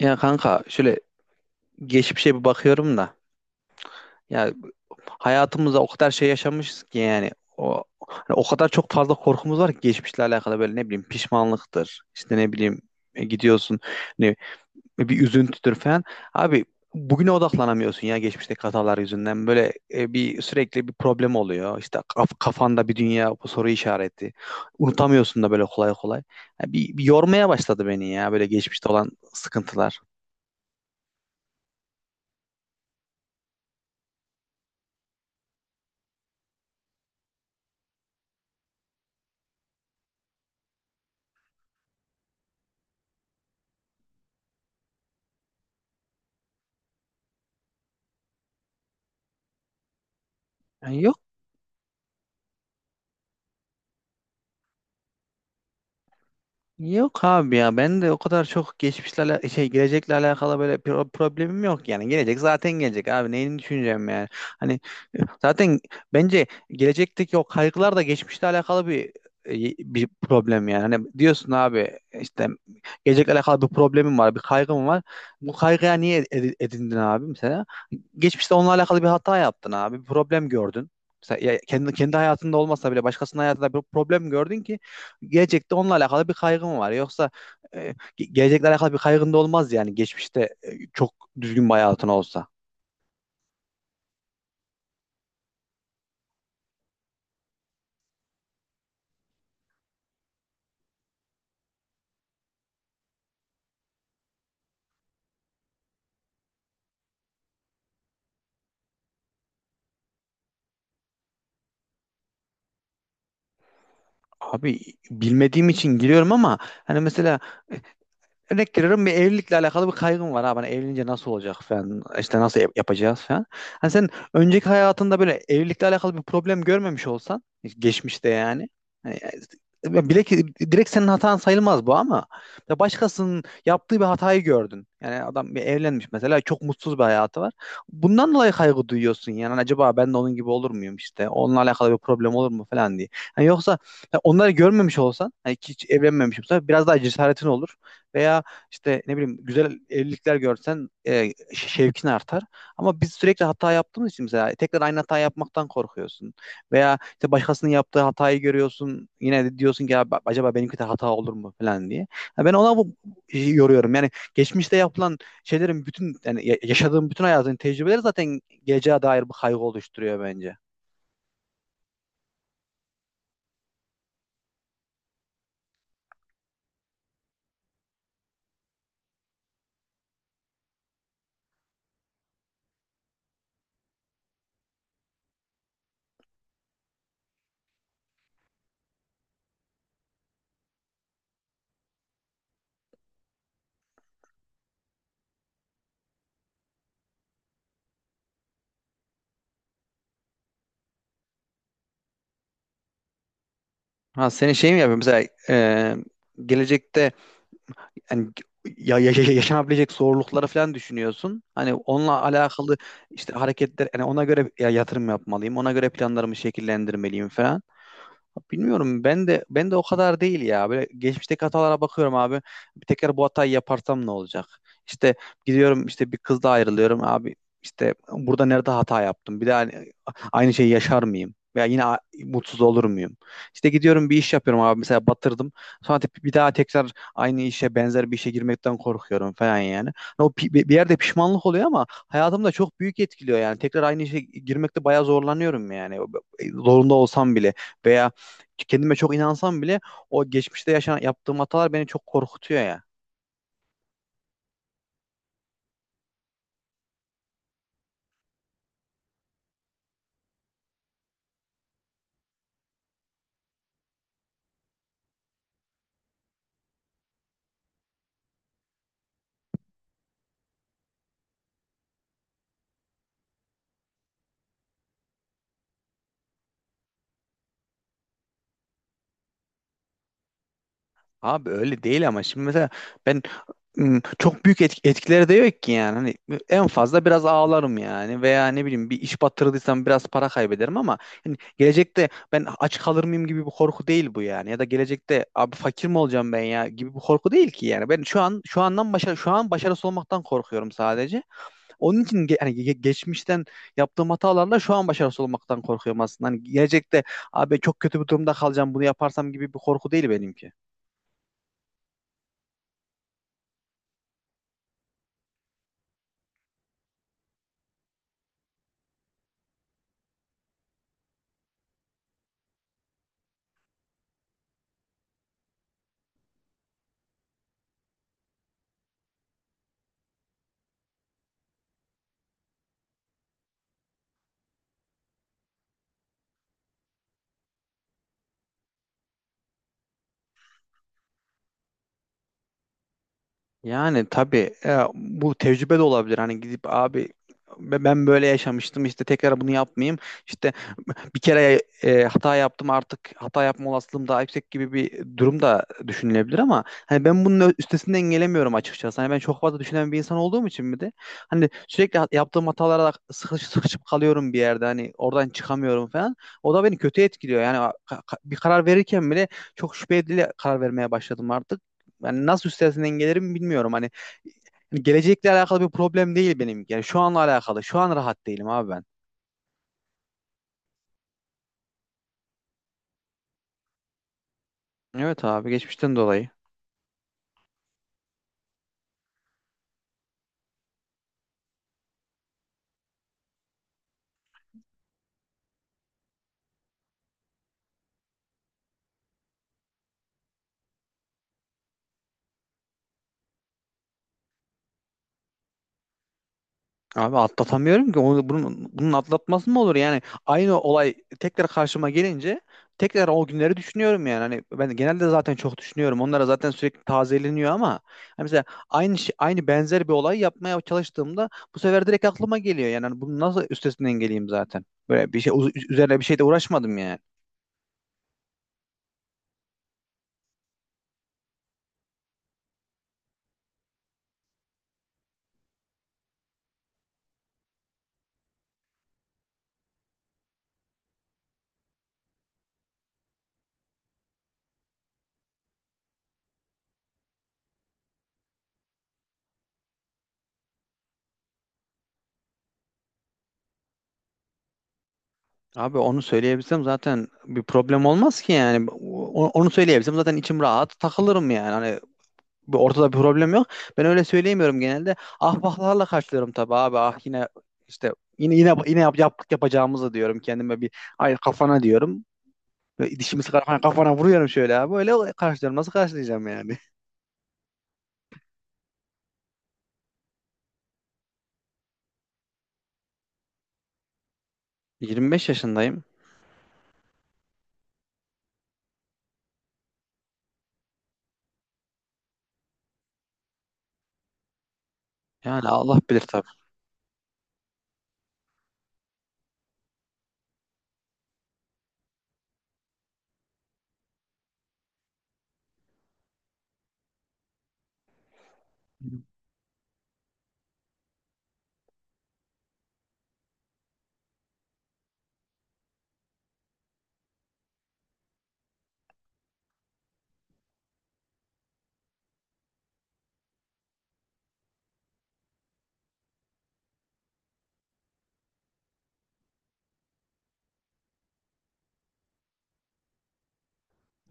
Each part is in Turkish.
Ya kanka şöyle geçmişe bir bakıyorum da ya hayatımızda o kadar şey yaşamışız ki yani o hani o kadar çok fazla korkumuz var ki geçmişle alakalı böyle ne bileyim pişmanlıktır işte ne bileyim, gidiyorsun ne bir üzüntüdür falan abi bugüne odaklanamıyorsun ya geçmişteki hatalar yüzünden böyle bir sürekli bir problem oluyor işte kafanda bir dünya soru işareti unutamıyorsun da böyle kolay kolay. Ya bir yormaya başladı beni ya böyle geçmişte olan sıkıntılar. Yani yok. Yok abi ya ben de o kadar çok şey gelecekle alakalı böyle problemim yok yani gelecek zaten gelecek abi neyini düşüneceğim yani hani zaten bence gelecekteki o kaygılar da geçmişle alakalı bir problem yani hani diyorsun abi işte gelecekle alakalı bir problemim var bir kaygım var bu kaygıya niye edindin abi mesela geçmişte onunla alakalı bir hata yaptın abi bir problem gördün. Mesela ya kendi hayatında olmasa bile başkasının hayatında bir problem gördün ki gelecekte onunla alakalı bir kaygım var. Yoksa e, gelecekle alakalı bir kaygın da olmaz yani geçmişte çok düzgün bir hayatın olsa. Abi bilmediğim için giriyorum ama hani mesela e, örnek veriyorum, bir evlilikle alakalı bir kaygım var. Ha, ben evlenince nasıl olacak falan, işte nasıl yapacağız falan. Hani sen önceki hayatında böyle evlilikle alakalı bir problem görmemiş olsan geçmişte yani. Hani, ya bile ki direkt senin hatan sayılmaz bu ama ya başkasının yaptığı bir hatayı gördün. Yani adam bir evlenmiş mesela, çok mutsuz bir hayatı var. Bundan dolayı kaygı duyuyorsun yani. Hani acaba ben de onun gibi olur muyum, işte onunla alakalı bir problem olur mu falan diye. Hani yoksa ya onları görmemiş olsan, hani hiç evlenmemiş olsan biraz daha cesaretin olur, veya işte ne bileyim güzel evlilikler görsen, şevkin artar. Ama biz sürekli hata yaptığımız için mesela tekrar aynı hata yapmaktan korkuyorsun. Veya işte başkasının yaptığı hatayı görüyorsun. Yine de diyorsun ki ya, acaba benimki de hata olur mu falan diye. Ya ben ona bu, yoruyorum. Yani geçmişte yapılan şeylerin bütün yani yaşadığım bütün hayatın tecrübeleri zaten geleceğe dair bir kaygı oluşturuyor bence. Ha senin şey mi yapıyor mesela, gelecekte yani ya, yaşanabilecek zorlukları falan düşünüyorsun. Hani onunla alakalı işte hareketler yani ona göre ya yatırım yapmalıyım. Ona göre planlarımı şekillendirmeliyim falan. Bilmiyorum, ben de o kadar değil ya. Böyle geçmişteki hatalara bakıyorum abi. Bir tekrar bu hatayı yaparsam ne olacak? İşte gidiyorum, işte bir kızla ayrılıyorum abi. İşte burada nerede hata yaptım? Bir daha hani aynı şeyi yaşar mıyım? Veya yine mutsuz olur muyum? İşte gidiyorum bir iş yapıyorum abi, mesela batırdım. Sonra bir daha tekrar aynı işe, benzer bir işe girmekten korkuyorum falan yani. O bir yerde pişmanlık oluyor ama hayatımda çok büyük etkiliyor yani. Tekrar aynı işe girmekte bayağı zorlanıyorum yani. Zorunda olsam bile. Veya kendime çok inansam bile o geçmişte yaşanan, yaptığım hatalar beni çok korkutuyor ya. Abi öyle değil ama şimdi mesela ben çok büyük etkileri de yok ki yani. Hani en fazla biraz ağlarım yani, veya ne bileyim bir iş batırdıysam biraz para kaybederim ama hani gelecekte ben aç kalır mıyım gibi bir korku değil bu yani. Ya da gelecekte abi fakir mi olacağım ben ya gibi bir korku değil ki yani. Ben şu an, şu andan başa, şu an başarısız olmaktan korkuyorum sadece. Onun için hani geçmişten yaptığım hatalarla şu an başarısız olmaktan korkuyorum aslında. Hani gelecekte abi çok kötü bir durumda kalacağım bunu yaparsam gibi bir korku değil benimki. Yani tabii, bu tecrübe de olabilir. Hani gidip abi ben böyle yaşamıştım, işte tekrar bunu yapmayayım. İşte bir kere hata yaptım, artık hata yapma olasılığım daha yüksek gibi bir durum da düşünülebilir ama hani ben bunun üstesinden gelemiyorum açıkçası. Hani ben çok fazla düşünen bir insan olduğum için mi de hani sürekli yaptığım hatalara sıkışıp kalıyorum bir yerde, hani oradan çıkamıyorum falan. O da beni kötü etkiliyor. Yani bir karar verirken bile çok şüpheli karar vermeye başladım artık. Yani nasıl üstesinden gelirim bilmiyorum. Hani gelecekle alakalı bir problem değil benim. Yani şu anla alakalı. Şu an rahat değilim abi ben. Evet abi, geçmişten dolayı. Abi atlatamıyorum ki. Onu, bunun atlatması mı olur? Yani aynı olay tekrar karşıma gelince tekrar o günleri düşünüyorum yani. Hani ben genelde zaten çok düşünüyorum. Onlara zaten sürekli tazeleniyor ama hani mesela aynı, benzer bir olay yapmaya çalıştığımda bu sefer direkt aklıma geliyor. Yani hani bunun nasıl üstesinden geleyim zaten? Böyle bir şey üzerine bir şey de uğraşmadım yani. Abi onu söyleyebilsem zaten bir problem olmaz ki yani. Onu söyleyebilsem zaten içim rahat takılırım yani, ortada bir problem yok. Ben öyle söyleyemiyorum genelde. Ahbaplarla karşılıyorum tabii abi. Ah yine işte yine yaptık yapacağımızı diyorum kendime, bir ay kafana diyorum. Ve dişimi sıkarak hani kafana vuruyorum şöyle abi. Öyle karşılıyorum. Nasıl karşılayacağım yani? 25 yaşındayım. Yani Allah bilir tabii.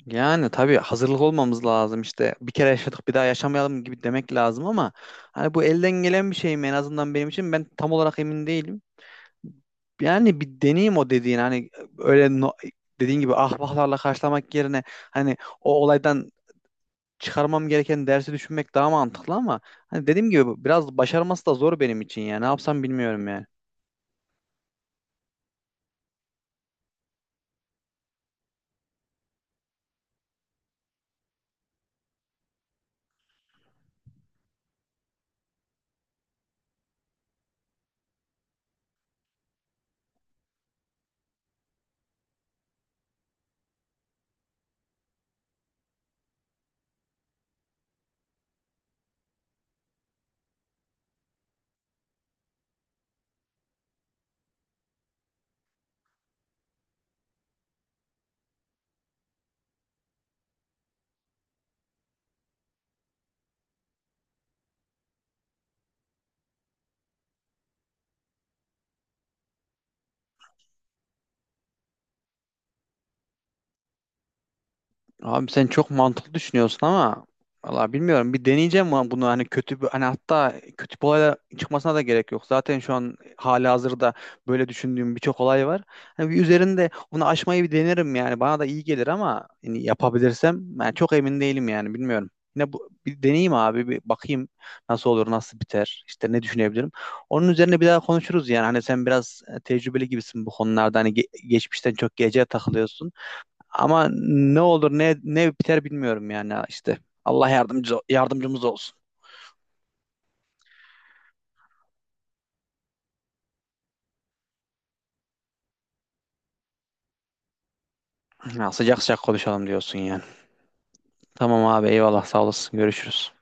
Yani tabii hazırlık olmamız lazım işte. Bir kere yaşadık, bir daha yaşamayalım gibi demek lazım ama hani bu elden gelen bir şey mi, en azından benim için ben tam olarak emin değilim. Yani bir deneyim o dediğin hani, öyle dediğin gibi ahbaplarla karşılamak yerine hani o olaydan çıkarmam gereken dersi düşünmek daha mantıklı ama hani dediğim gibi biraz başarması da zor benim için yani ne yapsam bilmiyorum yani. Abi sen çok mantıklı düşünüyorsun ama valla bilmiyorum, bir deneyeceğim ama bunu hani kötü bir, hani hatta kötü bir olay çıkmasına da gerek yok. Zaten şu an hali hazırda böyle düşündüğüm birçok olay var. Hani bir üzerinde onu aşmayı bir denerim yani, bana da iyi gelir ama hani yapabilirsem, ben çok emin değilim yani, bilmiyorum. Yine bu, bir deneyeyim abi, bir bakayım nasıl olur nasıl biter, işte ne düşünebilirim. Onun üzerine bir daha konuşuruz yani, hani sen biraz tecrübeli gibisin bu konularda, hani geçmişten çok gece takılıyorsun. Ama ne olur ne biter bilmiyorum yani işte. Allah yardımcı, yardımcımız olsun. Ya, sıcak sıcak konuşalım diyorsun yani. Tamam abi, eyvallah, sağ olasın, görüşürüz.